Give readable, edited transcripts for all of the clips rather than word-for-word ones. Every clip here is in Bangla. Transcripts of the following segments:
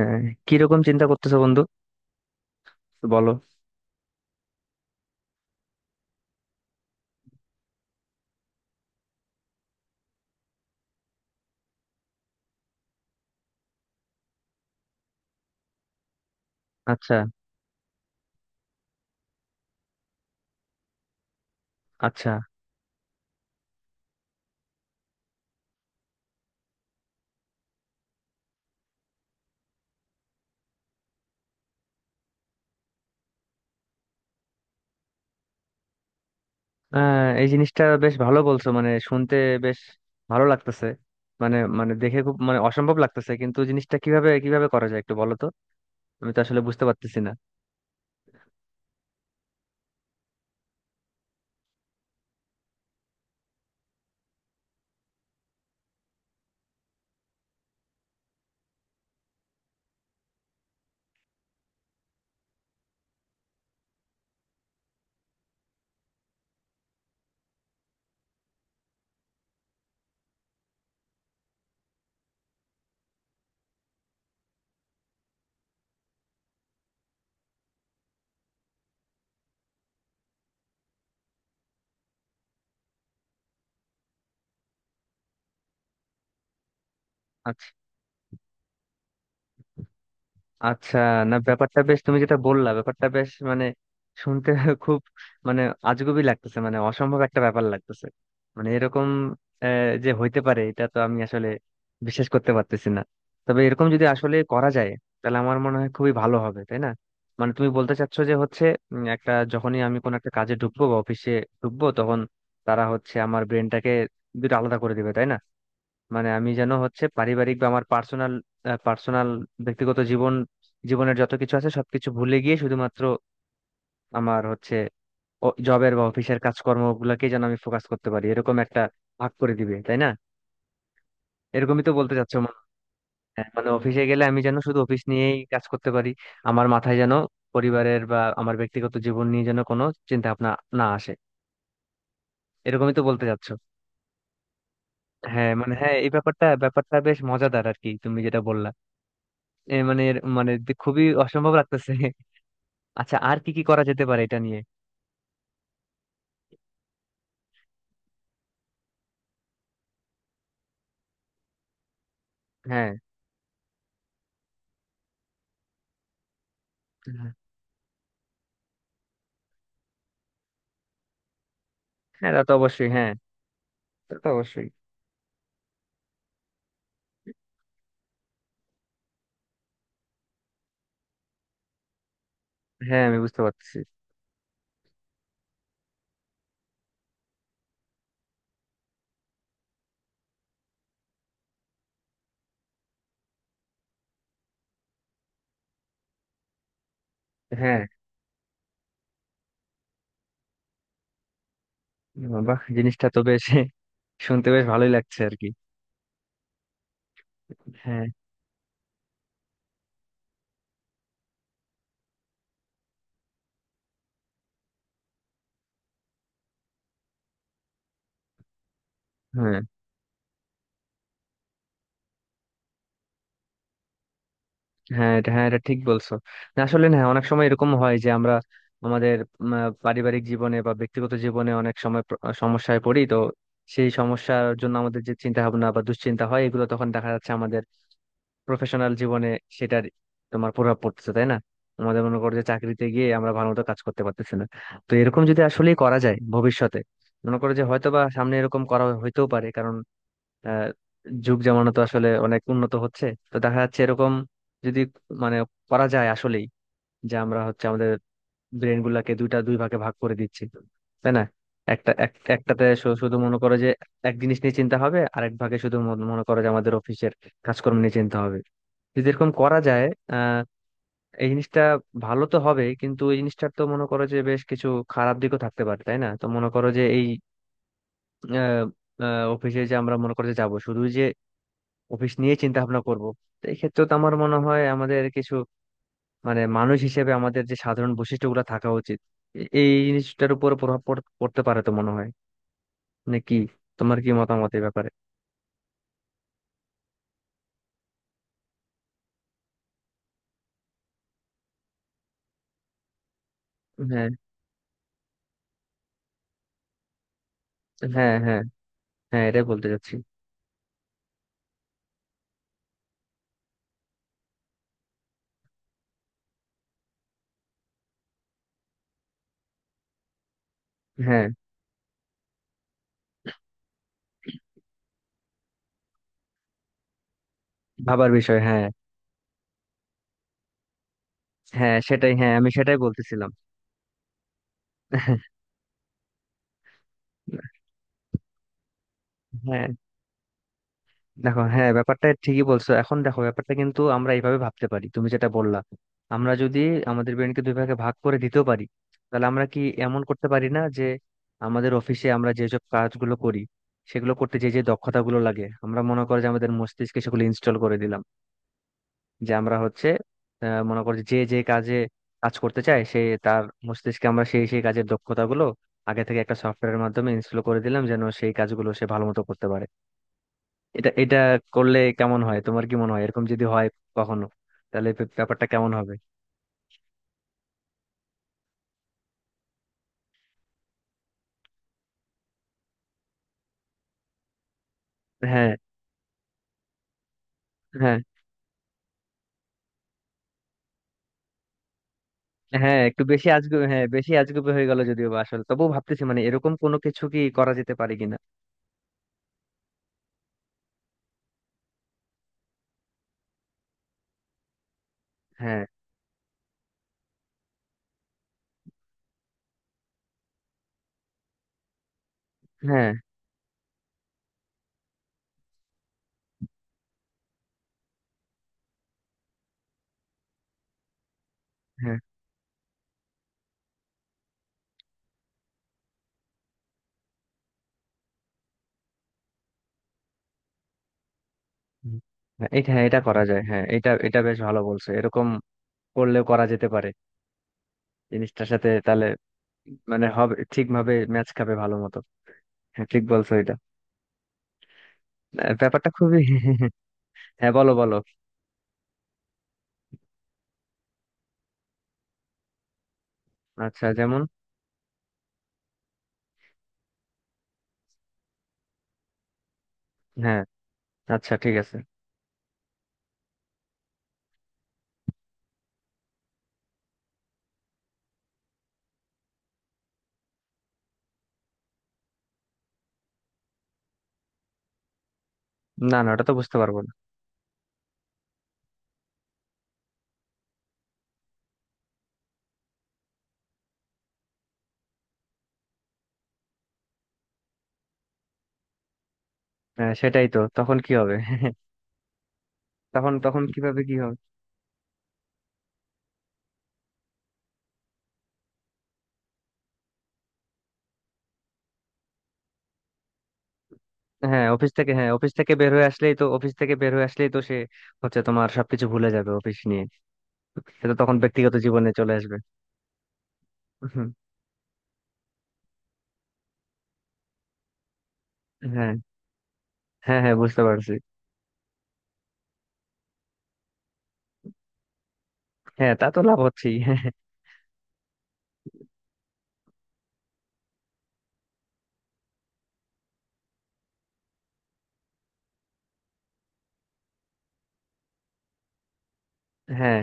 আহ, কিরকম চিন্তা করতেছো বন্ধু? বলো। আচ্ছা আচ্ছা। এই জিনিসটা বেশ ভালো বলছো, মানে শুনতে বেশ ভালো লাগতেছে। মানে মানে দেখে খুব মানে অসম্ভব লাগতেছে, কিন্তু জিনিসটা কিভাবে কিভাবে করা যায় একটু বলো তো। আমি তো আসলে বুঝতে পারতেছি না। আচ্ছা, না ব্যাপারটা বেশ, তুমি যেটা বললা ব্যাপারটা বেশ মানে শুনতে খুব মানে আজগুবি লাগতেছে, মানে অসম্ভব একটা ব্যাপার লাগতেছে। মানে এরকম যে হইতে পারে এটা, তো আমি আসলে বিশ্বাস করতে পারতেছি না। তবে এরকম যদি আসলে করা যায় তাহলে আমার মনে হয় খুবই ভালো হবে, তাই না? মানে তুমি বলতে চাচ্ছো যে হচ্ছে একটা যখনই আমি কোনো একটা কাজে ঢুকবো বা অফিসে ঢুকবো তখন তারা হচ্ছে আমার ব্রেনটাকে দুটো আলাদা করে দিবে, তাই না? মানে আমি যেন হচ্ছে পারিবারিক বা আমার পার্সোনাল পার্সোনাল ব্যক্তিগত জীবনের যত কিছু আছে সবকিছু ভুলে গিয়ে শুধুমাত্র আমার হচ্ছে জবের বা অফিসের কাজকর্ম গুলাকে যেন আমি ফোকাস করতে পারি, এরকম একটা ভাগ করে দিবে তাই না? এরকমই তো বলতে চাচ্ছো মনে হয়। হ্যাঁ, মানে অফিসে গেলে আমি যেন শুধু অফিস নিয়েই কাজ করতে পারি, আমার মাথায় যেন পরিবারের বা আমার ব্যক্তিগত জীবন নিয়ে যেন কোনো চিন্তা ভাবনা না আসে। এরকমই তো বলতে চাচ্ছো। হ্যাঁ মানে হ্যাঁ, এই ব্যাপারটা ব্যাপারটা বেশ মজাদার আর কি, তুমি যেটা বললা। এ মানে মানে খুবই অসম্ভব লাগতেছে। আচ্ছা, আর কি কি করা যেতে পারে এটা নিয়ে? হ্যাঁ হ্যাঁ। হ্যাঁ, তা তো অবশ্যই, হ্যাঁ তা তো অবশ্যই। হ্যাঁ আমি বুঝতে পারছি। হ্যাঁ, বাহ জিনিসটা তো বেশ শুনতে বেশ ভালোই লাগছে আর কি। হ্যাঁ হ্যাঁ। হ্যাঁ এটা, হ্যাঁ এটা ঠিক বলছো। না, আসলে না, অনেক সময় এরকম হয় যে আমরা আমাদের পারিবারিক জীবনে বা ব্যক্তিগত জীবনে অনেক সময় সমস্যায় পড়ি। তো সেই সমস্যার জন্য আমাদের যে চিন্তা ভাবনা বা দুশ্চিন্তা হয়, এগুলো তখন দেখা যাচ্ছে আমাদের প্রফেশনাল জীবনে সেটার তোমার প্রভাব পড়তেছে তাই না? আমাদের মনে করো যে চাকরিতে গিয়ে আমরা ভালো মতো কাজ করতে পারতেছি না। তো এরকম যদি আসলে করা যায় ভবিষ্যতে, মনে করো যে হয়তো বা সামনে এরকম করা হইতেও পারে, কারণ আহ, যুগ জামানো তো আসলে অনেক উন্নত হচ্ছে। তো দেখা যাচ্ছে এরকম যদি মানে করা যায় আসলেই, যে আমরা হচ্ছে আমাদের ব্রেন গুলাকে দুইটা দুই ভাগে ভাগ করে দিচ্ছি তাই না? একটা একটাতে শুধু মনে করো যে এক জিনিস নিয়ে চিন্তা হবে, আরেক ভাগে শুধু মনে করো যে আমাদের অফিসের কাজকর্ম নিয়ে চিন্তা হবে। যদি এরকম করা যায়, আহ, এই জিনিসটা ভালো তো হবে, কিন্তু এই জিনিসটার তো মনে করো যে বেশ কিছু খারাপ দিকও থাকতে পারে তাই না? তো মনে করো যে এই আহ, অফিসে যে আমরা মনে করো যে যাবো শুধু যে অফিস নিয়ে চিন্তা ভাবনা করবো, তো এই ক্ষেত্রে তো আমার মনে হয় আমাদের কিছু মানে মানুষ হিসেবে আমাদের যে সাধারণ বৈশিষ্ট্যগুলো থাকা উচিত এই জিনিসটার উপর পড়তে পারে তো মনে হয়। মানে কি তোমার কি মতামত এই ব্যাপারে? হ্যাঁ হ্যাঁ হ্যাঁ। হ্যাঁ, এটাই বলতে চাচ্ছি। হ্যাঁ, ভাবার বিষয় হ্যাঁ। হ্যাঁ সেটাই, হ্যাঁ আমি সেটাই বলতেছিলাম। হ্যাঁ। দেখো, হ্যাঁ ব্যাপারটা ঠিকই বলছো। এখন দেখো ব্যাপারটা কিন্তু আমরা এইভাবে ভাবতে পারি, তুমি যেটা বললা আমরা যদি আমাদের ব্রেনকে দুই ভাগে ভাগ করে দিতেও পারি, তাহলে আমরা কি এমন করতে পারি না যে আমাদের অফিসে আমরা যেসব কাজগুলো করি সেগুলো করতে যে যে দক্ষতাগুলো লাগে আমরা মনে করো যে আমাদের মস্তিষ্কে সেগুলো ইনস্টল করে দিলাম, যে আমরা হচ্ছে মনে করো যে যে কাজে কাজ করতে চাই সে তার মস্তিষ্কে আমরা সেই সেই কাজের দক্ষতাগুলো আগে থেকে একটা সফটওয়্যারের মাধ্যমে ইনস্টল করে দিলাম, যেন সেই কাজগুলো সে ভালো মতো করতে পারে। এটা এটা করলে কেমন হয়, তোমার কি মনে হয় এরকম যদি হয় কখনো? তাহলে ব্যাপারটা কেমন হবে? হ্যাঁ হ্যাঁ। হ্যাঁ একটু বেশি আজগুবি, হ্যাঁ বেশি আজগুবি হয়ে গেল যদিও বা আসলে, তবুও ভাবতেছি মানে এরকম কোনো কিছু কি করা যেতে পারে কিনা। হ্যাঁ হ্যাঁ হ্যাঁ। হুম। হ্যাঁ, এটা হ্যাঁ এটা করা যায়, হ্যাঁ এটা এটা বেশ ভালো বলছো, এরকম করলেও করা যেতে পারে। জিনিসটার সাথে তাহলে মানে হবে, ঠিকভাবে ম্যাচ খাবে ভালো মতো। হ্যাঁ ঠিক বলছো এটা। ব্যাপারটা খুবই হ্যাঁ বলো বলো। আচ্ছা, যেমন? হ্যাঁ। আচ্ছা, ঠিক আছে। না না, ওটা তো বুঝতে পারবো না। হ্যাঁ সেটাই তো, তখন কি হবে? তখন তখন কিভাবে কি হবে? হ্যাঁ অফিস থেকে, হ্যাঁ অফিস থেকে বের হয়ে আসলেই তো, অফিস থেকে বের হয়ে আসলেই তো সে হচ্ছে তোমার সবকিছু ভুলে যাবে অফিস নিয়ে। সে তো তখন ব্যক্তিগত জীবনে চলে আসবে। হুম, হ্যাঁ হ্যাঁ হ্যাঁ বুঝতে পারছি। হ্যাঁ তা তো লাভ হচ্ছেই। হ্যাঁ।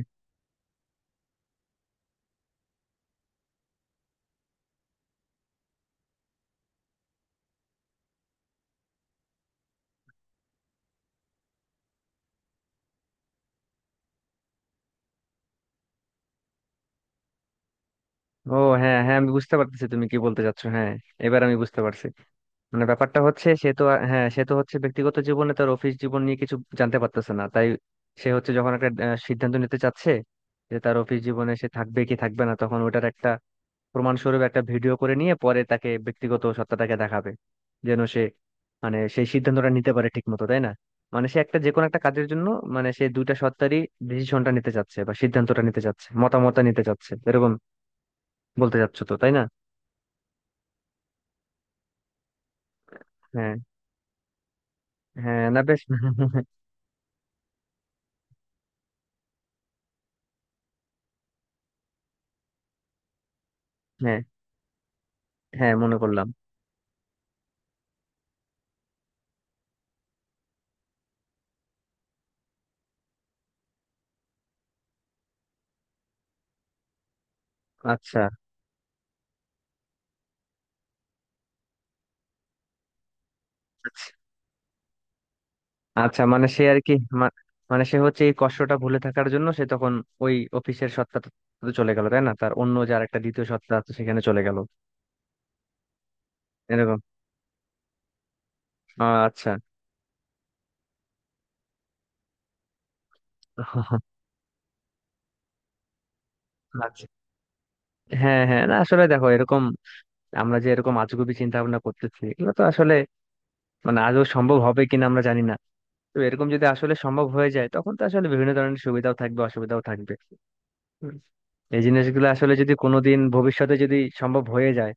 ও হ্যাঁ হ্যাঁ, আমি বুঝতে পারতেছি তুমি কি বলতে চাচ্ছো, হ্যাঁ এবার আমি বুঝতে পারছি। মানে ব্যাপারটা হচ্ছে সে তো হ্যাঁ সে তো হচ্ছে ব্যক্তিগত জীবনে তার অফিস জীবন নিয়ে কিছু জানতে পারতেছে না, তাই সে হচ্ছে যখন একটা সিদ্ধান্ত নিতে চাচ্ছে যে তার অফিস জীবনে সে থাকবে কি থাকবে না, তখন ওটার একটা প্রমাণস্বরূপ একটা ভিডিও করে নিয়ে পরে তাকে ব্যক্তিগত সত্তাটাকে দেখাবে, যেন সে মানে সেই সিদ্ধান্তটা নিতে পারে ঠিক মতো তাই না? মানে সে একটা যে কোনো একটা কাজের জন্য মানে সে দুইটা সত্তারই ডিসিশনটা নিতে চাচ্ছে বা সিদ্ধান্তটা নিতে চাচ্ছে, মতামতটা নিতে চাচ্ছে, এরকম বলতে চাচ্ছ তো তাই না? হ্যাঁ হ্যাঁ, না বেশ। হ্যাঁ, হ্যাঁ মনে করলাম। আচ্ছা আচ্ছা, মানে সে আর কি মা- মানে সে হচ্ছে এই কষ্টটা ভুলে থাকার জন্য সে তখন ওই অফিসের সত্তাটা তো চলে গেল তাই না, তার অন্য যে আরেকটা দ্বিতীয় সত্তা আছে সেখানে চলে গেল এরকম। আচ্ছা আচ্ছা। হ্যাঁ হ্যাঁ, না আসলে দেখো এরকম আমরা যে এরকম আজগুবি চিন্তা ভাবনা করতেছি এগুলো তো আসলে মানে আদৌ সম্ভব হবে কিনা আমরা জানি না। তো এরকম যদি আসলে সম্ভব হয়ে যায় তখন তো আসলে বিভিন্ন ধরনের সুবিধাও থাকবে, অসুবিধাও থাকবে। হুম। এই জিনিসগুলো আসলে যদি কোনোদিন ভবিষ্যতে যদি সম্ভব হয়ে যায়,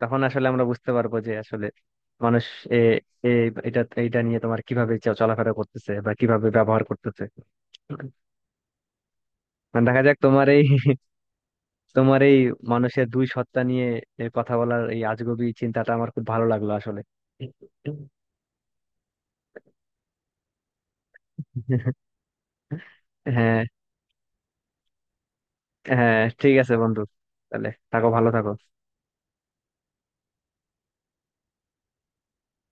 তখন আসলে আমরা বুঝতে পারবো যে আসলে মানুষ এ এ- এটা এটা নিয়ে তোমার কিভাবে চলাফেরা করতেছে বা কিভাবে ব্যবহার করতেছে। মানে দেখা যাক। তোমার তোমার এই মানুষের দুই সত্তা নিয়ে এ কথা বলার এই আজগবি চিন্তাটা আমার খুব ভালো লাগলো আসলে। হ্যাঁ, হ্যাঁ ঠিক আছে বন্ধু, তাহলে থাকো, ভালো থাকো।